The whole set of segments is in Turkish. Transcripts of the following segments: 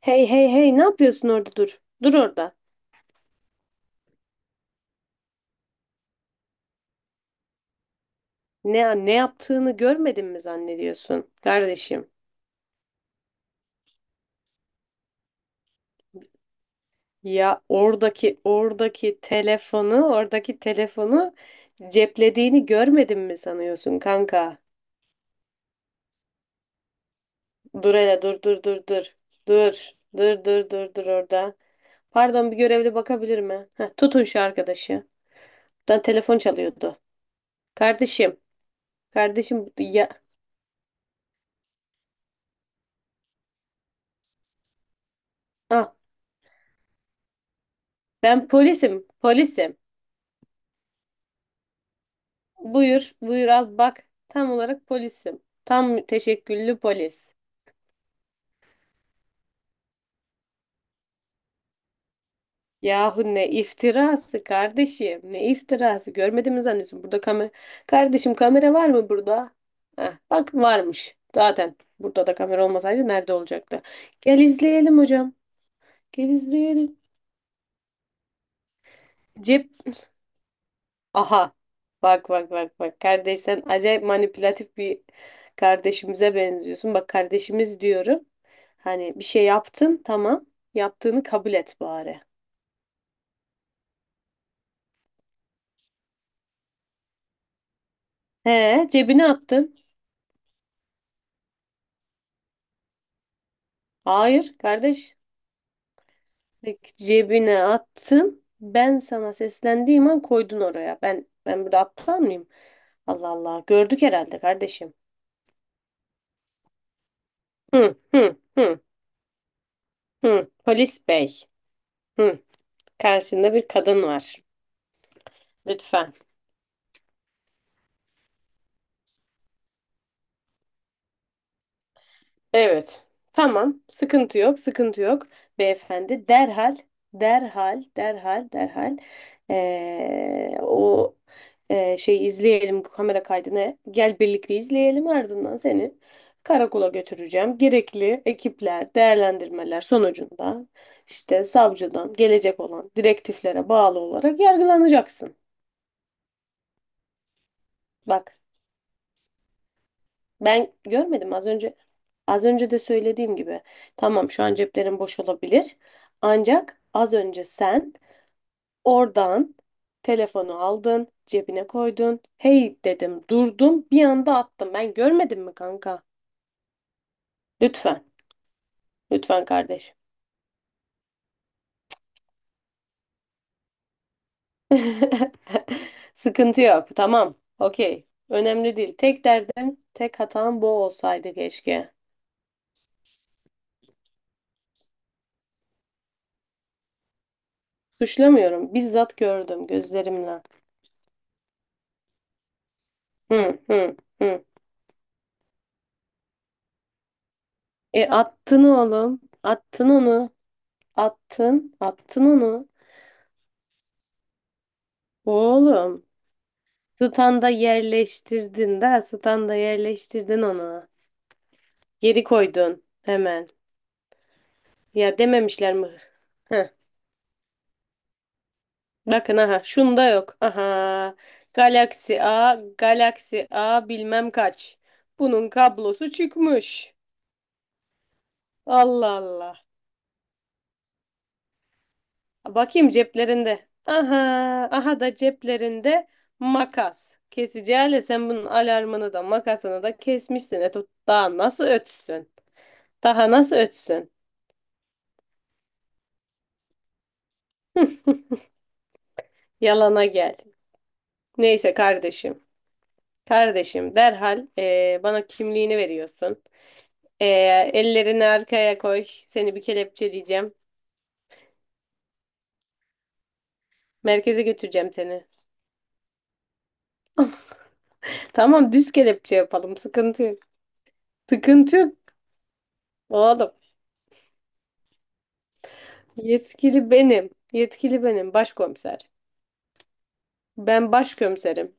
Hey hey hey, ne yapıyorsun orada? Dur. Dur orada. Ne yaptığını görmedin mi zannediyorsun kardeşim? Ya oradaki telefonu ceplediğini görmedin mi sanıyorsun kanka? Dur hele, dur dur dur dur. Dur. Dur dur dur dur orada. Pardon, bir görevli bakabilir mi? Heh, tutun şu arkadaşı. Buradan telefon çalıyordu. Kardeşim. Kardeşim ya. Ah, Ben polisim. Polisim. Buyur, buyur al bak. Tam olarak polisim. Tam teşekküllü polis. Yahu ne iftirası kardeşim, ne iftirası. Görmedi mi zannediyorsun burada kamera? Kardeşim, kamera var mı burada? Heh, bak varmış zaten. Burada da kamera olmasaydı nerede olacaktı? Gel izleyelim hocam. Gel izleyelim. Cep. Aha. Bak bak bak bak. Kardeş, sen acayip manipülatif bir kardeşimize benziyorsun. Bak, kardeşimiz diyorum. Hani bir şey yaptın tamam. Yaptığını kabul et bari. He, cebine attın. Hayır kardeş. Peki, cebine attın. Ben sana seslendiğim an koydun oraya. Ben burada aptal mıyım? Allah Allah. Gördük herhalde kardeşim. Hı hı hı hı. Polis bey. Hı. Karşında bir kadın var. Lütfen. Evet. Tamam. Sıkıntı yok, sıkıntı yok. Beyefendi, derhal, derhal, derhal, derhal, o şey izleyelim, bu kamera kaydını. Gel birlikte izleyelim, ardından seni karakola götüreceğim. Gerekli ekipler, değerlendirmeler sonucunda, işte savcıdan gelecek olan direktiflere bağlı olarak yargılanacaksın. Bak. Ben görmedim az önce de söylediğim gibi. Tamam, şu an ceplerin boş olabilir. Ancak az önce sen oradan telefonu aldın, cebine koydun. Hey dedim, durdum, bir anda attım. Ben görmedim mi kanka? Lütfen. Lütfen kardeşim. Sıkıntı yok. Tamam. Okey. Önemli değil. Tek derdim, tek hatam bu olsaydı keşke. Suçlamıyorum. Bizzat gördüm gözlerimle. Hı hı hı. E attın oğlum. Attın onu. Attın. Attın onu. Oğlum. Standa yerleştirdin de. Standa yerleştirdin onu. Geri koydun. Hemen. Ya dememişler mi? Heh. Bakın aha. Şunda yok. Aha. Galaxy A. Galaxy A bilmem kaç. Bunun kablosu çıkmış. Allah Allah. Bakayım ceplerinde. Aha, aha da ceplerinde makas. Kesici alet, sen bunun alarmını da makasını da kesmişsin. E tut- daha nasıl ötsün? Daha nasıl ötsün? Yalana gel. Neyse kardeşim. Kardeşim derhal, bana kimliğini veriyorsun. Ellerini arkaya koy. Seni bir kelepçeleyeceğim. Merkeze götüreceğim seni. Tamam, düz kelepçe yapalım. Sıkıntı yok. Sıkıntı yok. Oğlum, yetkili benim. Yetkili benim, başkomiser. Ben başkomiserim.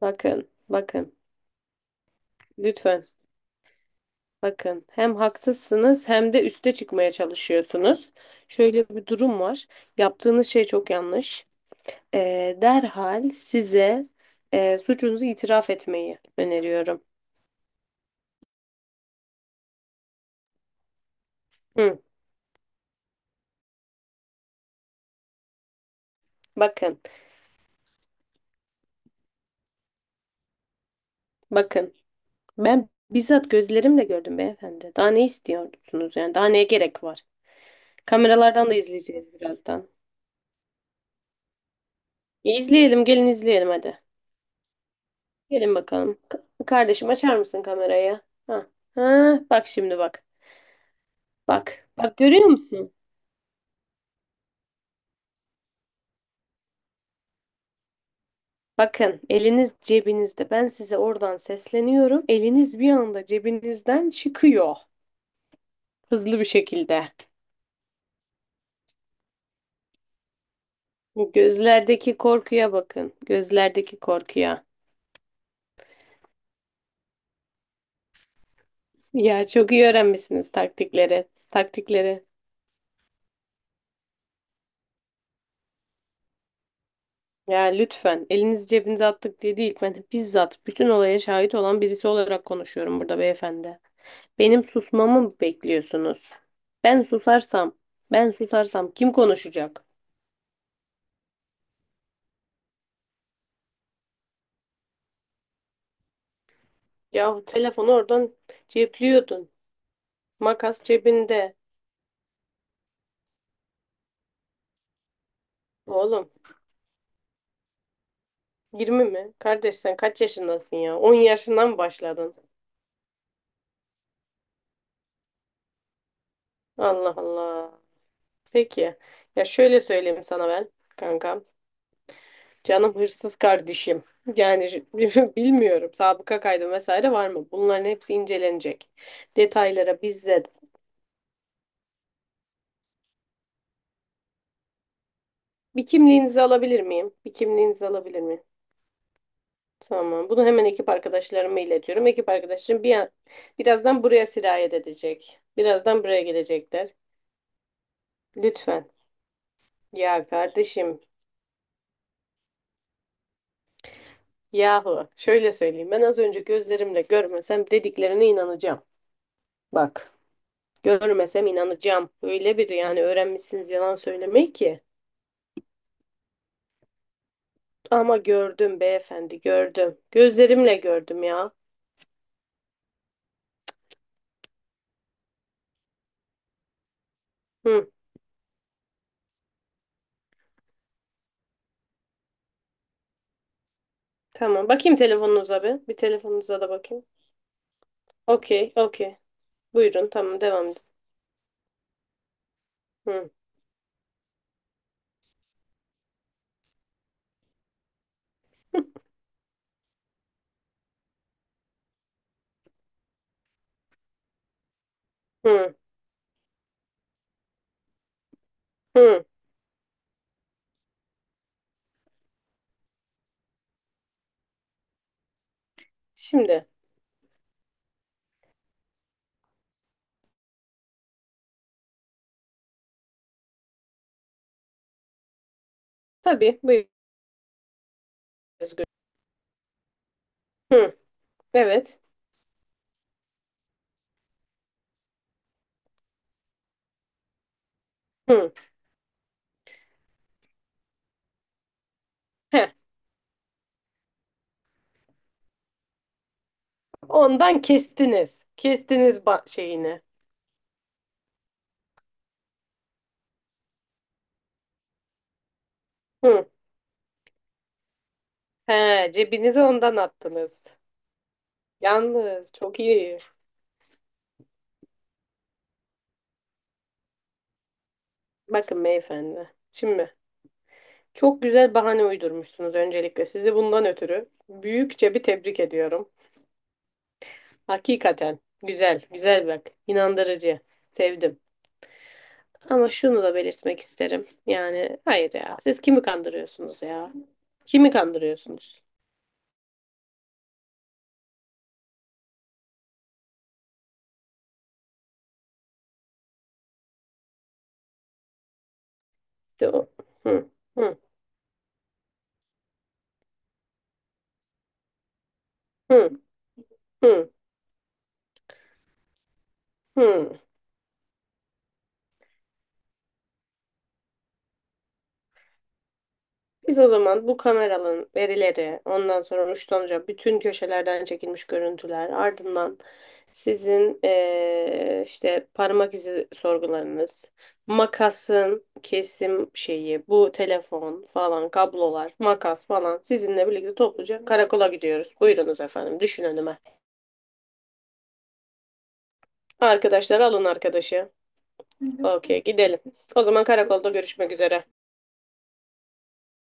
Bakın, bakın, lütfen bakın. Hem haksızsınız, hem de üste çıkmaya çalışıyorsunuz. Şöyle bir durum var. Yaptığınız şey çok yanlış. Derhal size, suçunuzu itiraf etmeyi öneriyorum. Hı, bakın, bakın. Ben bizzat gözlerimle gördüm beyefendi. Daha ne istiyorsunuz yani? Daha neye gerek var? Kameralardan da izleyeceğiz birazdan. İzleyelim, gelin izleyelim hadi. Gelin bakalım. Kardeşim, açar mısın kamerayı? Ha. Ha, bak şimdi bak. Bak. Bak, görüyor musun? Bakın, eliniz cebinizde. Ben size oradan sesleniyorum. Eliniz bir anda cebinizden çıkıyor. Hızlı bir şekilde. Gözlerdeki korkuya bakın. Gözlerdeki korkuya. Ya çok iyi öğrenmişsiniz taktikleri. Taktikleri. Ya lütfen, elinizi cebinize attık diye değil. Ben bizzat bütün olaya şahit olan birisi olarak konuşuyorum burada beyefendi. Benim susmamı mı bekliyorsunuz? Ben susarsam, ben susarsam kim konuşacak? Yahu telefonu oradan cepliyordun. Makas cebinde. Oğlum. 20 mi? Kardeş, sen kaç yaşındasın ya? 10 yaşından mı başladın? Allah Allah. Peki. Ya şöyle söyleyeyim sana ben, kankam. Canım hırsız kardeşim. Yani şu- bilmiyorum, sabıka kaydı vesaire var mı? Bunların hepsi incelenecek. Detaylara bizzat. Bir kimliğinizi alabilir miyim? Bir kimliğinizi alabilir miyim? Tamam. Bunu hemen ekip arkadaşlarıma iletiyorum. Ekip arkadaşlarım birazdan buraya sirayet edecek. Birazdan buraya gelecekler. Lütfen. Ya kardeşim. Yahu. Şöyle söyleyeyim. Ben az önce gözlerimle görmesem dediklerine inanacağım. Bak. Görmesem inanacağım. Öyle bir, yani öğrenmişsiniz yalan söylemeyi ki. Ama gördüm beyefendi, gördüm. Gözlerimle gördüm ya. Hı. Tamam. Bakayım telefonunuza bir. Bir telefonunuza da bakayım. Okey. Okey. Buyurun. Tamam. Devam edin. Hı. Hı. Hı. Şimdi. Tabii. Buyur. Özgür. Hı. Evet. Hı. Heh. Ondan kestiniz. Kestiniz şeyini. Hı. He, cebinize ondan attınız. Yalnız çok iyi. Bakın beyefendi. Şimdi çok güzel bahane uydurmuşsunuz öncelikle. Sizi bundan ötürü büyükçe bir tebrik ediyorum. Hakikaten güzel, güzel bak. İnandırıcı. Sevdim. Ama şunu da belirtmek isterim. Yani hayır ya. Siz kimi kandırıyorsunuz ya? Kimi kandırıyorsunuz? De o- Hı, hı, hı, hı, hı. Biz o zaman bu kameraların verileri, ondan sonra uçlanacak bütün köşelerden çekilmiş görüntüler, ardından sizin, işte parmak izi sorgularınız, makasın kesim şeyi, bu telefon falan, kablolar, makas falan, sizinle birlikte topluca karakola gidiyoruz. Buyurunuz efendim, düşün önüme. Arkadaşlar, alın arkadaşı. Okey, gidelim. O zaman karakolda görüşmek üzere.